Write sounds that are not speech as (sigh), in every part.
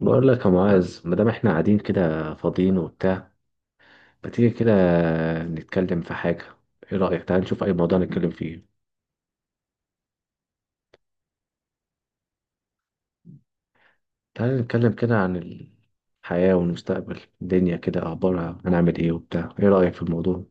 بقول لك يا معاذ، ما دام احنا قاعدين كده فاضيين وبتاع، ما تيجي كده نتكلم في حاجة. ايه رأيك؟ تعال نشوف اي موضوع نتكلم فيه. تعال نتكلم كده عن الحياة والمستقبل، الدنيا كده اخبارها، هنعمل ايه وبتاع؟ ايه رأيك في الموضوع؟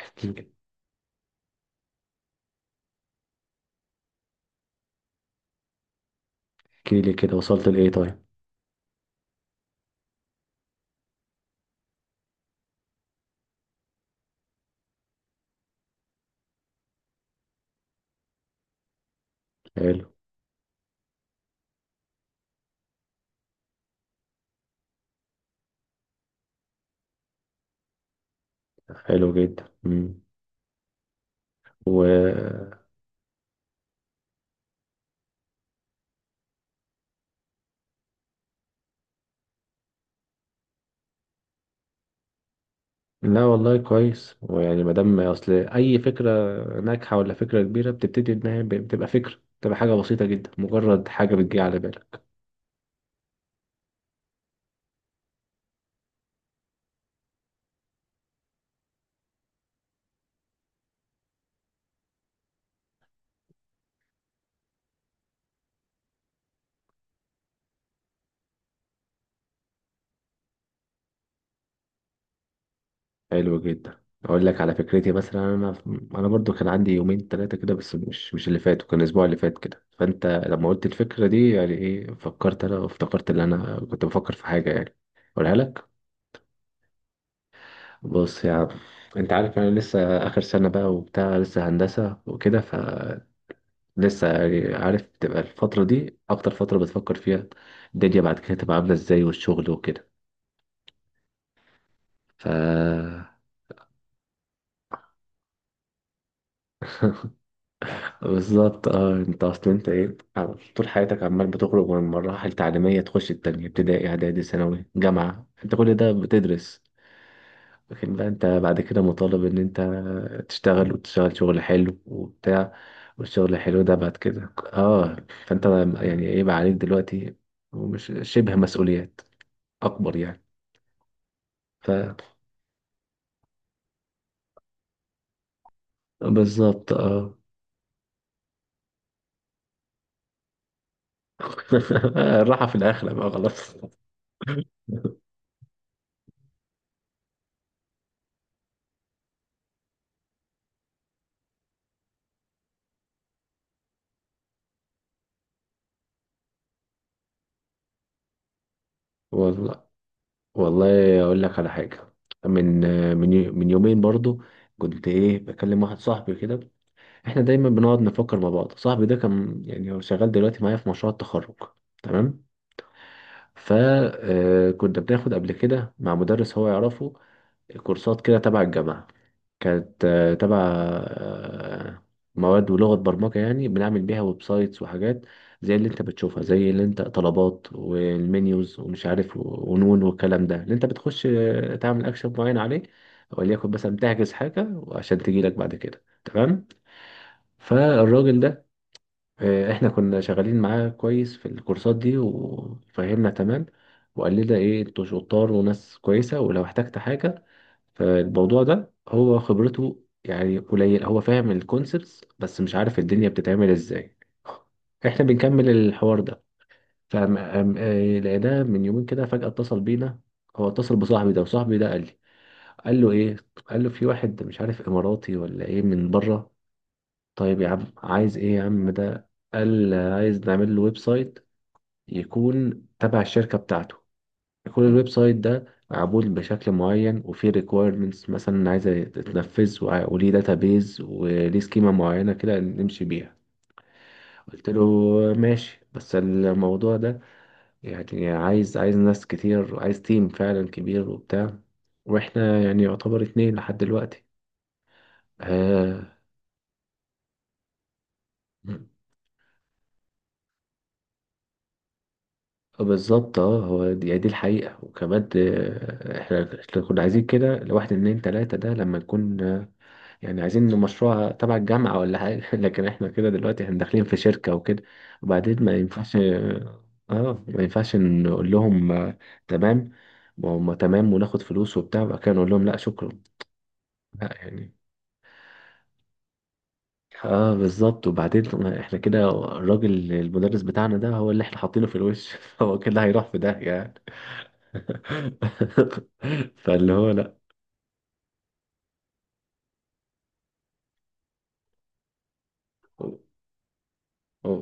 احكي لي. احكي لي كده، وصلت لايه طيب؟ حلو. حلو جدا. مم. و لا والله كويس، ويعني ما دام اصل اي فكرة ناجحة ولا فكرة كبيرة بتبتدي انها بتبقى فكرة، بتبقى حاجة بسيطة جدا، مجرد حاجة بتجي على بالك. حلو جدا. اقول لك على فكرتي مثلا، انا انا برضو كان عندي يومين ثلاثه كده، بس مش اللي فات، وكان الاسبوع اللي فات كده. فانت لما قلت الفكره دي يعني ايه، فكرت انا وافتكرت ان انا كنت بفكر في حاجه، يعني اقولها لك. بص يا عم، انت عارف انا لسه اخر سنه بقى وبتاع، لسه هندسه وكده، فلسه يعني عارف تبقى الفتره دي اكتر فتره بتفكر فيها الدنيا بعد كده تبقى عامله ازاي والشغل وكده. ف بالظبط اه. انت اصلا انت ايه، طول حياتك عمال بتخرج من مراحل تعليميه تخش التانية، ابتدائي اعدادي ثانوي جامعه، انت كل ده بتدرس. لكن بقى انت بعد كده مطالب ان انت تشتغل، وتشتغل شغل حلو وبتاع، والشغل الحلو ده بعد كده اه، فانت يعني ايه بقى عليك دلوقتي، ومش شبه مسؤوليات اكبر يعني؟ ف بالظبط اه. (laughs) الراحه في الاخره بقى خلاص. والله، والله اقول لك على حاجه. من من يومين برضو كنت ايه بكلم واحد صاحبي كده. احنا دايما بنقعد نفكر مع بعض. صاحبي ده كان يعني هو شغال دلوقتي معايا في مشروع التخرج، تمام؟ فكنا بناخد قبل كده مع مدرس هو يعرفه كورسات كده تبع الجامعه. كانت تبع مواد ولغة برمجة، يعني بنعمل بيها ويب سايتس وحاجات زي اللي انت بتشوفها، زي اللي انت طلبات والمنيوز ومش عارف ونون والكلام ده، اللي انت بتخش تعمل اكشن معين عليه، وليكن مثلا بتحجز حاجة وعشان تجيلك بعد كده، تمام. فالراجل ده احنا كنا شغالين معاه كويس في الكورسات دي، وفهمنا تمام، وقال لنا ايه، انتوا شطار وناس كويسة، ولو احتجت حاجة. فالموضوع ده هو خبرته يعني قليل، هو فاهم الكونسبتس بس مش عارف الدنيا بتتعمل ازاي. احنا بنكمل الحوار ده، فلقيناه من يومين كده فجأة اتصل بينا. هو اتصل بصاحبي ده، وصاحبي ده قال لي، قال له ايه، قال له في واحد مش عارف اماراتي ولا ايه من بره. طيب يا عم عايز ايه يا عم؟ ده قال عايز نعمل له ويب سايت يكون تبع الشركة بتاعته. كل الويب سايت ده معمول بشكل معين، وفيه requirements مثلا عايزة تتنفذ، وليه داتابيز وليه سكيمة معينة كده نمشي بيها. قلت له ماشي، بس الموضوع ده يعني عايز ناس كتير، وعايز تيم فعلا كبير وبتاع، واحنا يعني يعتبر اتنين لحد دلوقتي. آه، بالظبط اه. هو دي، يعني دي الحقيقة. وكمان احنا كنا عايزين كده لواحد اتنين تلاتة، ده لما نكون يعني عايزين إنه مشروع تبع الجامعة ولا حاجة. (laughs) لكن احنا كده دلوقتي احنا داخلين في شركة وكده، وبعدين ما ينفعش. اه ما ينفعش نقول لهم تمام وهم تمام، وناخد فلوس وبتاع، وبعد كده نقول لهم لا شكرا. لا يعني، اه بالظبط. وبعدين احنا كده الراجل المدرس بتاعنا ده هو اللي احنا حاطينه في الوش، (laughs) هو كده هيروح في داهية يعني. (laughs) فاللي هو لا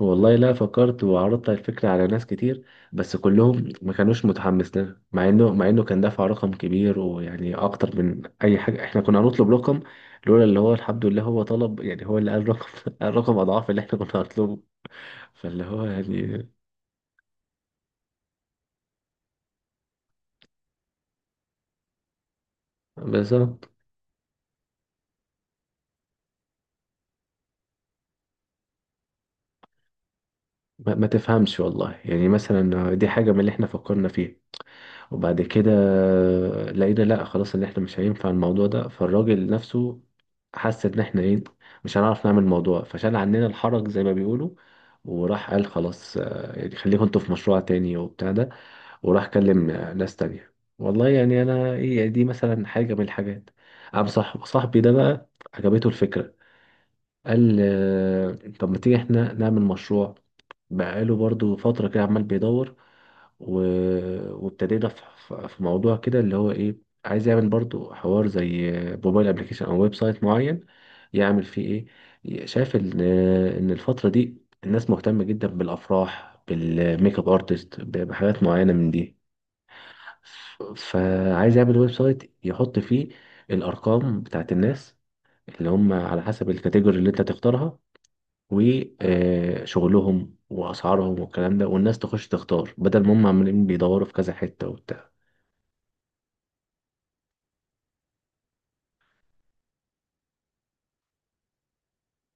والله، لا فكرت وعرضت الفكرة على ناس كتير، بس كلهم ما كانوش متحمس لها، مع انه كان دافع رقم كبير، ويعني اكتر من اي حاجة احنا كنا هنطلب رقم. لولا اللي هو الحمد لله هو طلب، يعني هو اللي قال رقم، (laughs) الرقم اضعاف اللي احنا كنا هنطلبه. فاللي هو يعني بالظبط. ما تفهمش والله، يعني مثلا دي حاجة من اللي احنا فكرنا فيها. وبعد كده لقينا لا خلاص، ان احنا مش هينفع الموضوع ده. فالراجل نفسه حس ان احنا ايه، مش هنعرف نعمل الموضوع، فشال عننا الحرج زي ما بيقولوا. وراح قال خلاص يعني خليكم انتوا في مشروع تاني وبتاع ده. وراح كلم ناس تانية. والله يعني انا ايه، يعني دي مثلا حاجة من الحاجات. قام صاحبي ده بقى عجبته الفكرة، قال طب ما تيجي احنا نعمل مشروع. بقاله برضو فترة كده عمال بيدور و... وابتدينا في... في موضوع كده اللي هو ايه، عايز يعمل برضو حوار زي موبايل ابلكيشن او ويب سايت معين، يعمل فيه ايه، شايف ان ان الفترة دي الناس مهتمة جدا بالافراح، بالميك اب ارتست، بحاجات معينة من دي. فعايز يعمل ويب سايت، يحط فيه الارقام بتاعت الناس اللي هم على حسب الكاتيجوري اللي انت تختارها، وشغلهم واسعارهم والكلام ده، والناس تخش تختار، بدل ما هم عمالين بيدوروا في كذا حته وبتاع.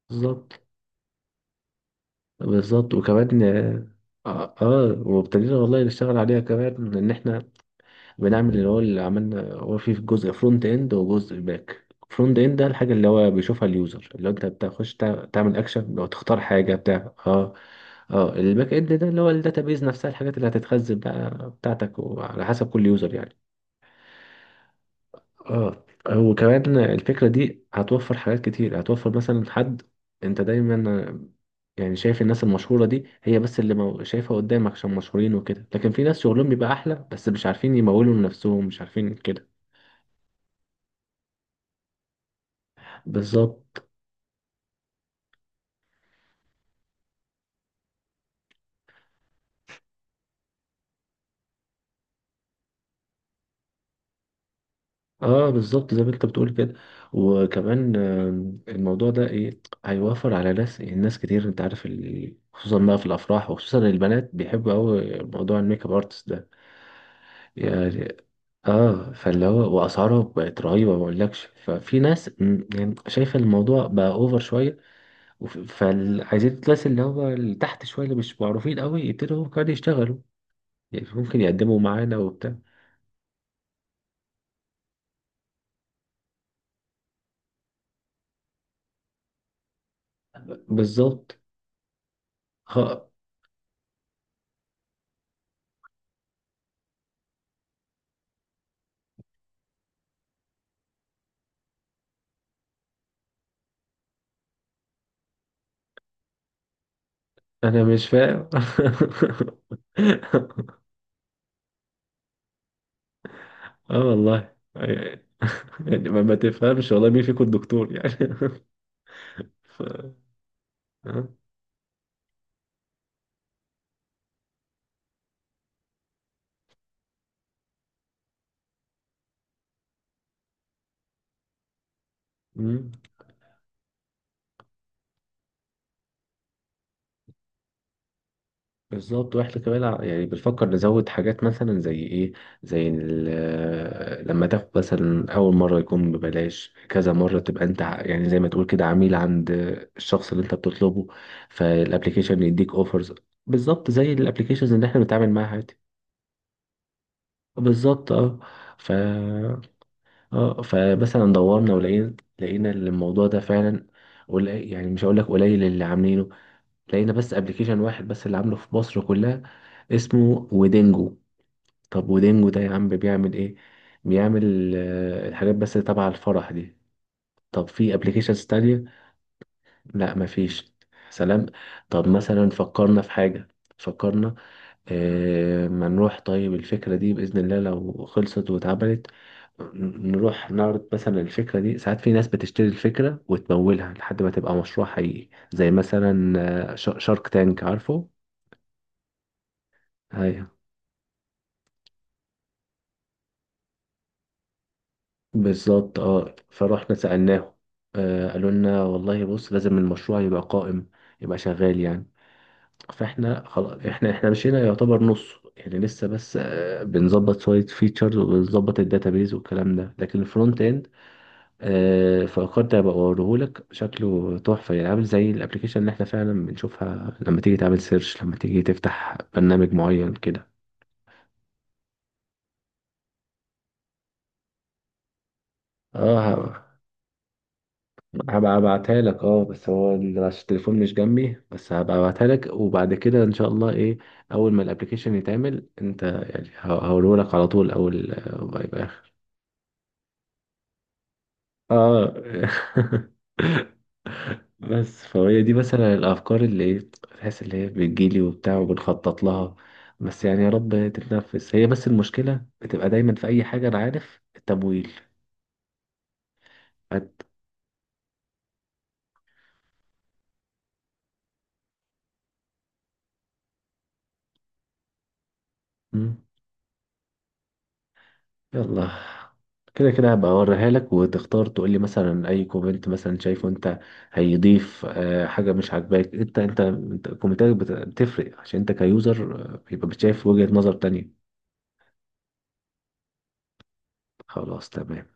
بالظبط. بالظبط وكمان اه. وابتدينا والله نشتغل عليها، كمان ان احنا بنعمل اللي هو، اللي عملنا هو في جزء فرونت اند وجزء باك فرونت اند. ده الحاجه اللي هو بيشوفها اليوزر، اللي هو انت بتخش تعمل اكشن، لو تختار حاجه بتاع اه. اه الباك اند ده اللي هو الداتابيز نفسها، الحاجات اللي هتتخزن بقى بتاعتك وعلى حسب كل يوزر يعني. اه. وكمان الفكرة دي هتوفر حاجات كتير، هتوفر مثلا حد، انت دايما يعني شايف الناس المشهورة دي هي بس اللي شايفها قدامك عشان مشهورين وكده، لكن في ناس شغلهم بيبقى احلى بس مش عارفين يمولوا لنفسهم، مش عارفين كده. بالظبط اه. بالظبط زي ما انت بتقول كده. وكمان الموضوع ده ايه، هيوفر على ناس، الناس كتير انت عارف ال... خصوصا بقى في الافراح، وخصوصا البنات بيحبوا قوي موضوع الميك اب ارتست ده. اه فاللي هو واسعاره بقت رهيبه ما اقولكش. ففي ناس يعني شايفه الموضوع بقى اوفر شويه. فعايزين الناس اللي هو اللي تحت شويه اللي مش معروفين قوي يبتدوا هم كمان يشتغلوا، يعني ممكن يقدموا معانا وبتاع. بالظبط خ- انا مش فاهم. (laughs) اه والله، يعني ما تفهمش والله مين فيكم الدكتور يعني. (laughs) ف... آه. مم. بالظبط. واحنا كمان يعني بنفكر نزود حاجات مثلا زي ايه، زي لما تاخد مثلا اول مره يكون ببلاش، كذا مره تبقى انت يعني زي ما تقول كده عميل عند الشخص اللي انت بتطلبه، فالابليكيشن يديك اوفرز، بالظبط زي الابليكيشنز اللي احنا بنتعامل معاها عادي. بالظبط اه. ف اه فمثلا دورنا ولقينا، لقينا الموضوع ده فعلا قليل، يعني مش هقول لك قليل اللي عاملينه، لقينا بس ابليكيشن واحد بس اللي عامله في مصر كلها، اسمه ويدنجو. طب ودينجو ده يا عم بيعمل ايه؟ بيعمل الحاجات بس تبع الفرح دي. طب في ابلكيشنز تانية؟ لا مفيش. سلام. طب مثلا فكرنا في حاجة. فكرنا ما نروح، طيب الفكرة دي بإذن الله لو خلصت واتعملت، نروح نعرض مثلا الفكرة دي، ساعات في ناس بتشتري الفكرة وتمولها لحد ما تبقى مشروع حقيقي، زي مثلا شارك تانك عارفه. هاي. بالظبط اه. فرحنا سألناهم، آه قالوا لنا والله بص لازم المشروع يبقى قائم، يبقى شغال يعني. فاحنا خلاص احنا مشينا يعتبر نص يعني، لسه بس آه بنظبط شوية فيتشرز وبنظبط الداتابيز والكلام ده. لكن الفرونت اند آه فكرت ابقى اوريهولك، شكله تحفة يعني، عامل زي الابلكيشن اللي احنا فعلا بنشوفها لما تيجي تعمل سيرش، لما تيجي تفتح برنامج معين كده. اه هبقى ابعتها لك اه، بس هو عشان التليفون مش جنبي، بس هبقى ابعتها لك، وبعد كده ان شاء الله ايه، اول ما الابلكيشن يتعمل انت يعني هقوله لك على طول، اول ما يبقى اخر اه. (laughs) بس فهي دي مثلا الافكار اللي ايه، تحس اللي هي بتجيلي وبتاع وبنخطط لها، بس يعني يا رب تتنفس هي، بس المشكلة بتبقى دايما في اي حاجة انا عارف، التمويل. هت- يلا كده كده هبقى اوريها لك، وتختار تقول لي مثلا اي كومنت مثلا شايفه انت، هيضيف حاجه مش عاجباك، انت كومنتاتك بتفرق عشان انت كيوزر بيبقى بتشايف وجهه نظر تانية. خلاص تمام.